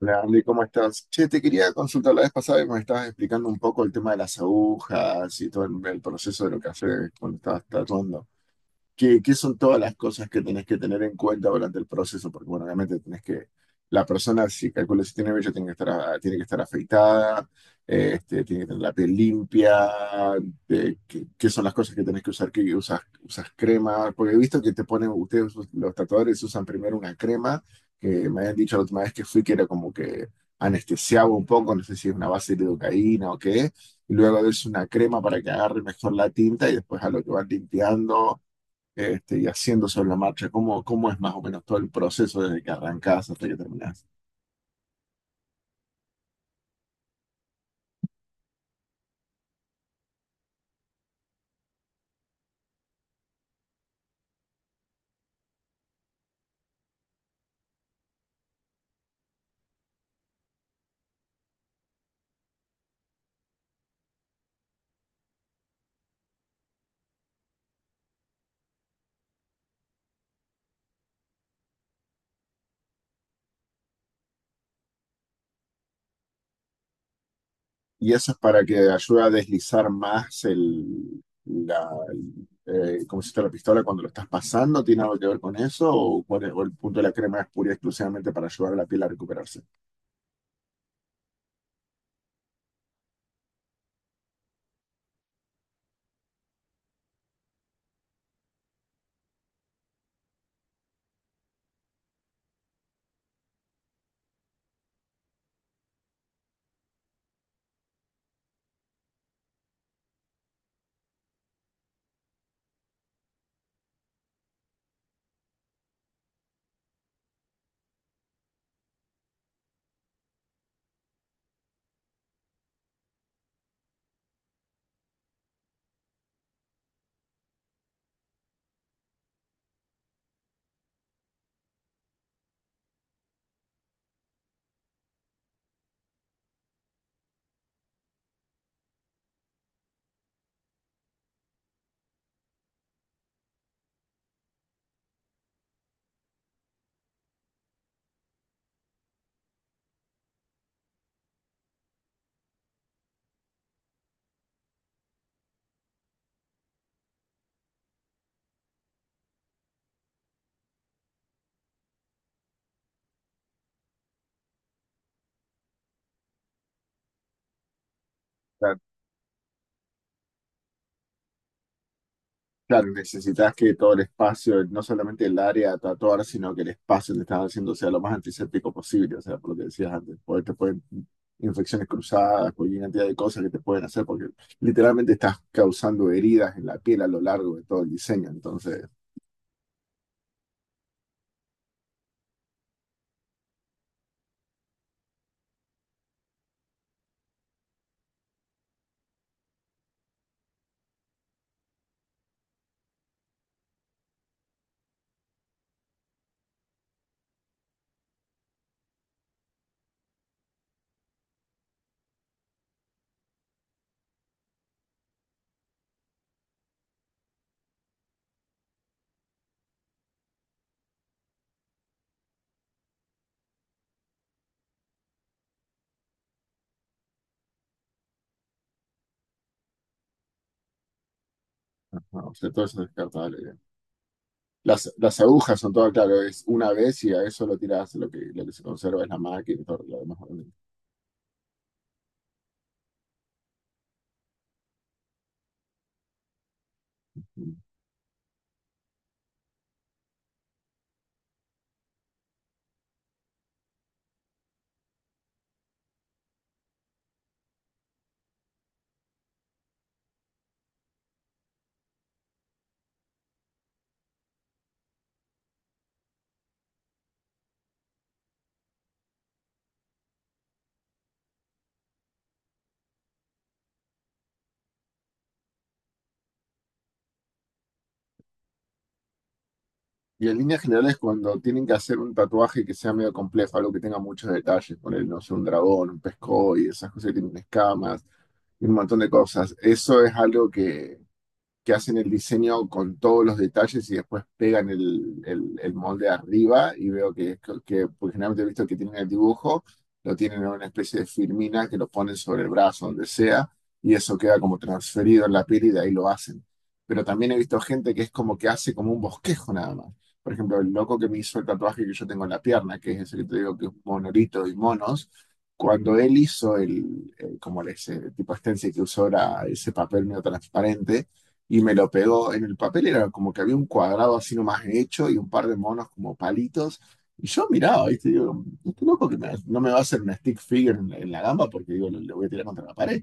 Hola Andy, ¿cómo estás? Che, te quería consultar la vez pasada y me estabas explicando un poco el tema de las agujas y todo el proceso de lo que haces cuando estabas tatuando. ¿Qué son todas las cosas que tenés que tener en cuenta durante el proceso? Porque, bueno, obviamente tenés que, la persona, si calculas si tiene vello, tiene que estar, tiene que estar afeitada. Tiene que tener la piel limpia. ¿Qué son las cosas que tenés que usar? ¿Qué usas, usas crema? Porque he visto que te ponen, ustedes, los tatuadores, usan primero una crema, que me habían dicho la última vez que fui que era como que anestesiaba un poco, no sé si es una base de lidocaína o qué, y luego es una crema para que agarre mejor la tinta y después a lo que van limpiando y haciendo sobre la marcha, cómo, cómo es más o menos todo el proceso desde que arrancás hasta que terminás. Y eso es para que ayude a deslizar más cómo se está la pistola cuando lo estás pasando, ¿tiene algo que ver con eso? ¿O o el punto de la crema es pura y exclusivamente para ayudar a la piel a recuperarse? Claro, necesitas que todo el espacio, no solamente el área a tatuar, sino que el espacio que estás haciendo sea lo más antiséptico posible, o sea, por lo que decías antes, porque te pueden infecciones cruzadas, cualquier cantidad de cosas que te pueden hacer, porque literalmente estás causando heridas en la piel a lo largo de todo el diseño, entonces, no, o sea, todo eso es descartable. Las agujas son todo, claro, es una vez y a eso lo tiras, lo que se conserva es la máquina y todo lo demás. Y en líneas generales, cuando tienen que hacer un tatuaje que sea medio complejo, algo que tenga muchos detalles, poner, no sé, un dragón, un pescoy, esas cosas que tienen escamas y un montón de cosas, eso es algo que hacen el diseño con todos los detalles y después pegan el molde arriba y veo que pues generalmente he visto que tienen el dibujo, lo tienen en una especie de firmina que lo ponen sobre el brazo, donde sea, y eso queda como transferido en la piel y de ahí lo hacen. Pero también he visto gente que es como que hace como un bosquejo nada más. Por ejemplo, el loco que me hizo el tatuaje que yo tengo en la pierna, que es ese que te digo que es monolito y monos, cuando él hizo como ese tipo de stencil que usó era ese papel medio transparente, y me lo pegó en el papel, era como que había un cuadrado así nomás hecho y un par de monos como palitos. Y yo miraba, ¿viste? Digo, este loco no me va a hacer una stick figure en la gamba porque digo, le voy a tirar contra la pared.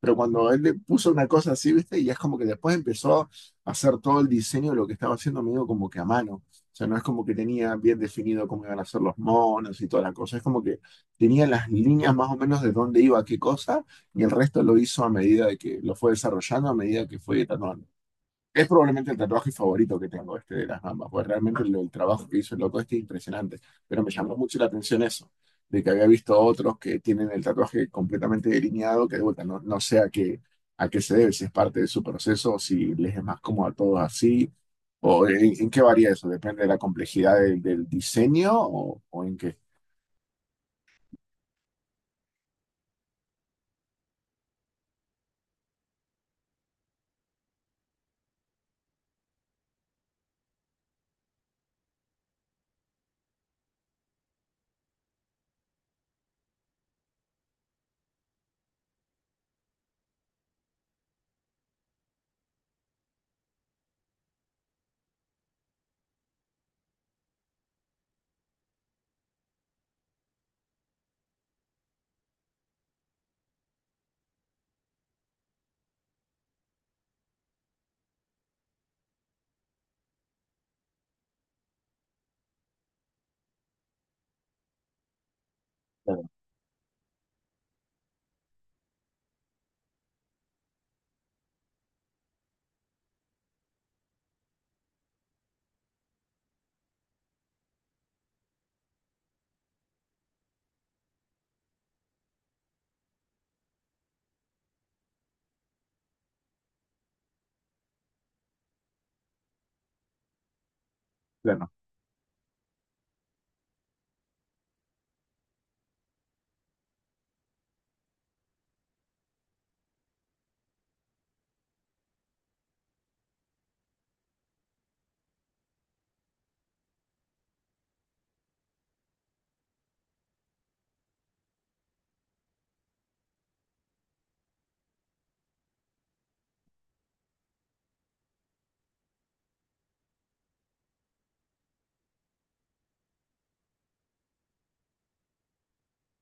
Pero cuando él le puso una cosa así, ¿viste? Y es como que después empezó a hacer todo el diseño de lo que estaba haciendo, medio como que a mano. O sea, no es como que tenía bien definido cómo iban a ser los monos y toda la cosa. Es como que tenía las líneas más o menos de dónde iba qué cosa y el resto lo hizo a medida de que lo fue desarrollando, a medida que fue editando, es probablemente el tatuaje favorito que tengo, este de las gambas, porque realmente el trabajo que hizo el loco este es impresionante. Pero me llamó mucho la atención eso, de que había visto otros que tienen el tatuaje completamente delineado, que de vuelta no, no sé a qué se debe, si es parte de su proceso, o si les es más cómodo a todos así, o en qué varía eso, depende de la complejidad del diseño o en qué. Claro, claro.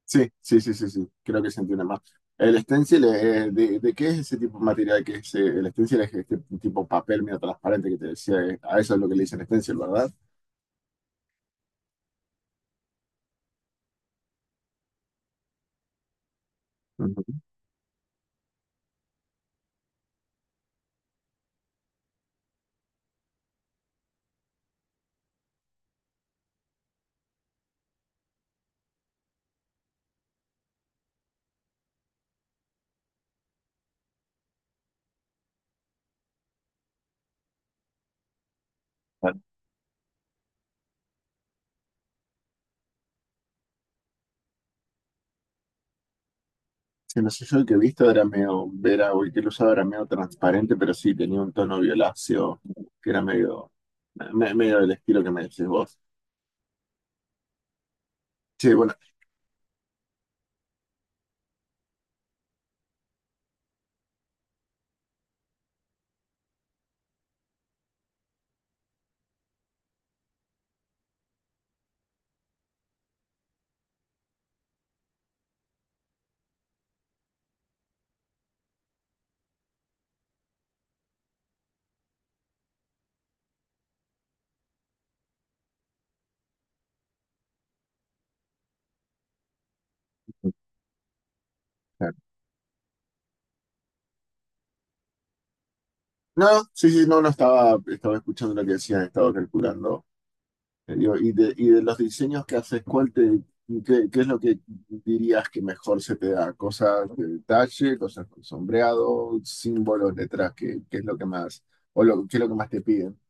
Sí, sí, sí, sí, sí, creo que se entiende más. El stencil, de qué es ese tipo de material, que es, el stencil es este tipo papel medio transparente que te decía, a eso es lo que le dicen stencil, ¿verdad? Ujú. Vale. Sí, no sé, yo el que he visto era medio, era, o el que lo usaba era medio transparente, pero sí tenía un tono violáceo, que era medio, medio del estilo que me decís vos. Sí, bueno. Claro. No, sí, sí, no, no estaba, estaba escuchando lo que decías, estaba calculando. Yo, y y de los diseños que haces, ¿cuál te, qué, qué es lo que dirías que mejor se te da? ¿Cosas de detalle, cosas con sombreado, símbolos, letras? ¿Qué, qué es lo que más, o lo, qué es lo que más te piden?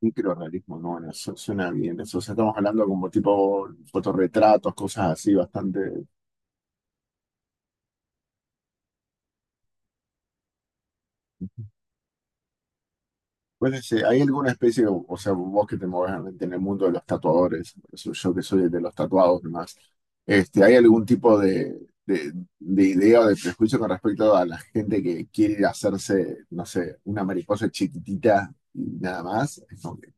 Microrrealismo, no, bueno, eso suena bien. Eso, o sea, estamos hablando como tipo fotorretratos, cosas así, bastante. Pues este, hay alguna especie, o sea, vos que te mueves en el mundo de los tatuadores, yo que soy el de los tatuados nomás, este, ¿hay algún tipo de, de idea o de prejuicio con respecto a la gente que quiere ir a hacerse, no sé, una mariposa chiquitita y nada más? Es como que,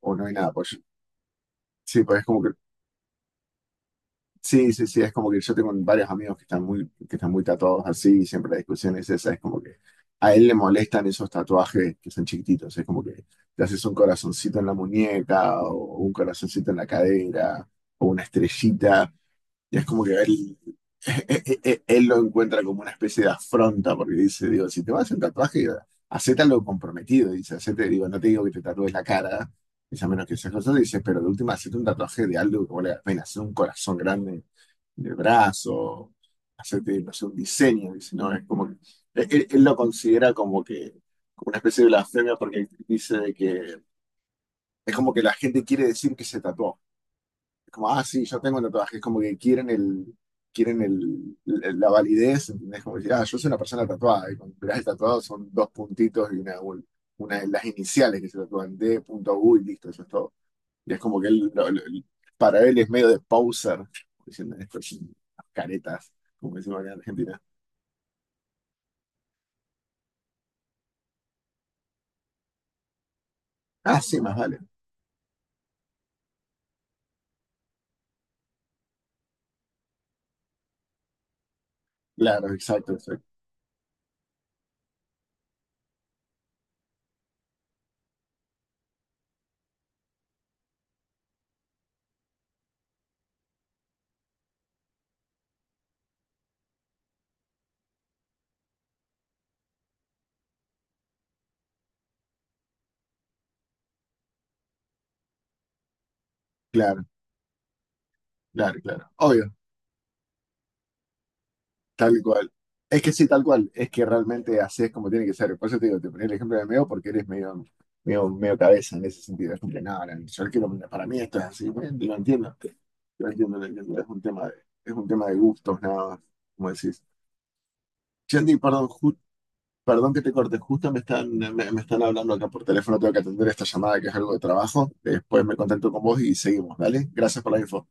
o no hay nada, pues sí, pues es como que sí, sí, sí, es como que yo tengo varios amigos que están muy tatuados así y siempre la discusión es esa, es como que a él le molestan esos tatuajes que son chiquititos, es como que te haces un corazoncito en la muñeca o un corazoncito en la cadera o una estrellita y es como que él, él lo encuentra como una especie de afronta porque dice, digo, si te vas a hacer un tatuaje, hacete algo comprometido, dice, hacete, digo, no te digo que te tatúes la cara, dice, a menos que seas cosas, dice, pero de última hacete un tatuaje de algo que valga la pena, hacer un corazón grande de brazo, hacerte, no sé, un diseño, dice, no, es como que, él lo considera como que, como una especie de blasfemia porque dice de que es como que la gente quiere decir que se tatuó. Es como, ah, sí, yo tengo un tatuaje, es como que quieren el, la validez, ¿entendés? Como decir, ah, yo soy una persona tatuada, y cuando mirás el tatuado son dos puntitos y una de las iniciales que se tatúan, D.U y listo, eso es todo. Y es como que él, para él es medio de poser, diciendo estos son caretas, como decimos acá en Argentina. Ah, sí, más vale. Claro, exacto, exacto. Claro, claro, claro. Obvio, tal cual. Es que sí, tal cual. Es que realmente así es como tiene que ser. Por eso te digo, te ponía el ejemplo de Meo porque eres medio, medio cabeza en ese sentido. Es como que, no, no, yo quiero, para mí esto es así. Bueno, lo entiendo, lo entiendo, lo entiendo. Es un tema de, es un tema de gustos, nada más, como decís. Yandy, perdón, ju- Perdón que te corte, justo me están, me están hablando acá por teléfono, tengo que atender esta llamada que es algo de trabajo. Después me contacto con vos y seguimos, ¿vale? Gracias por la info.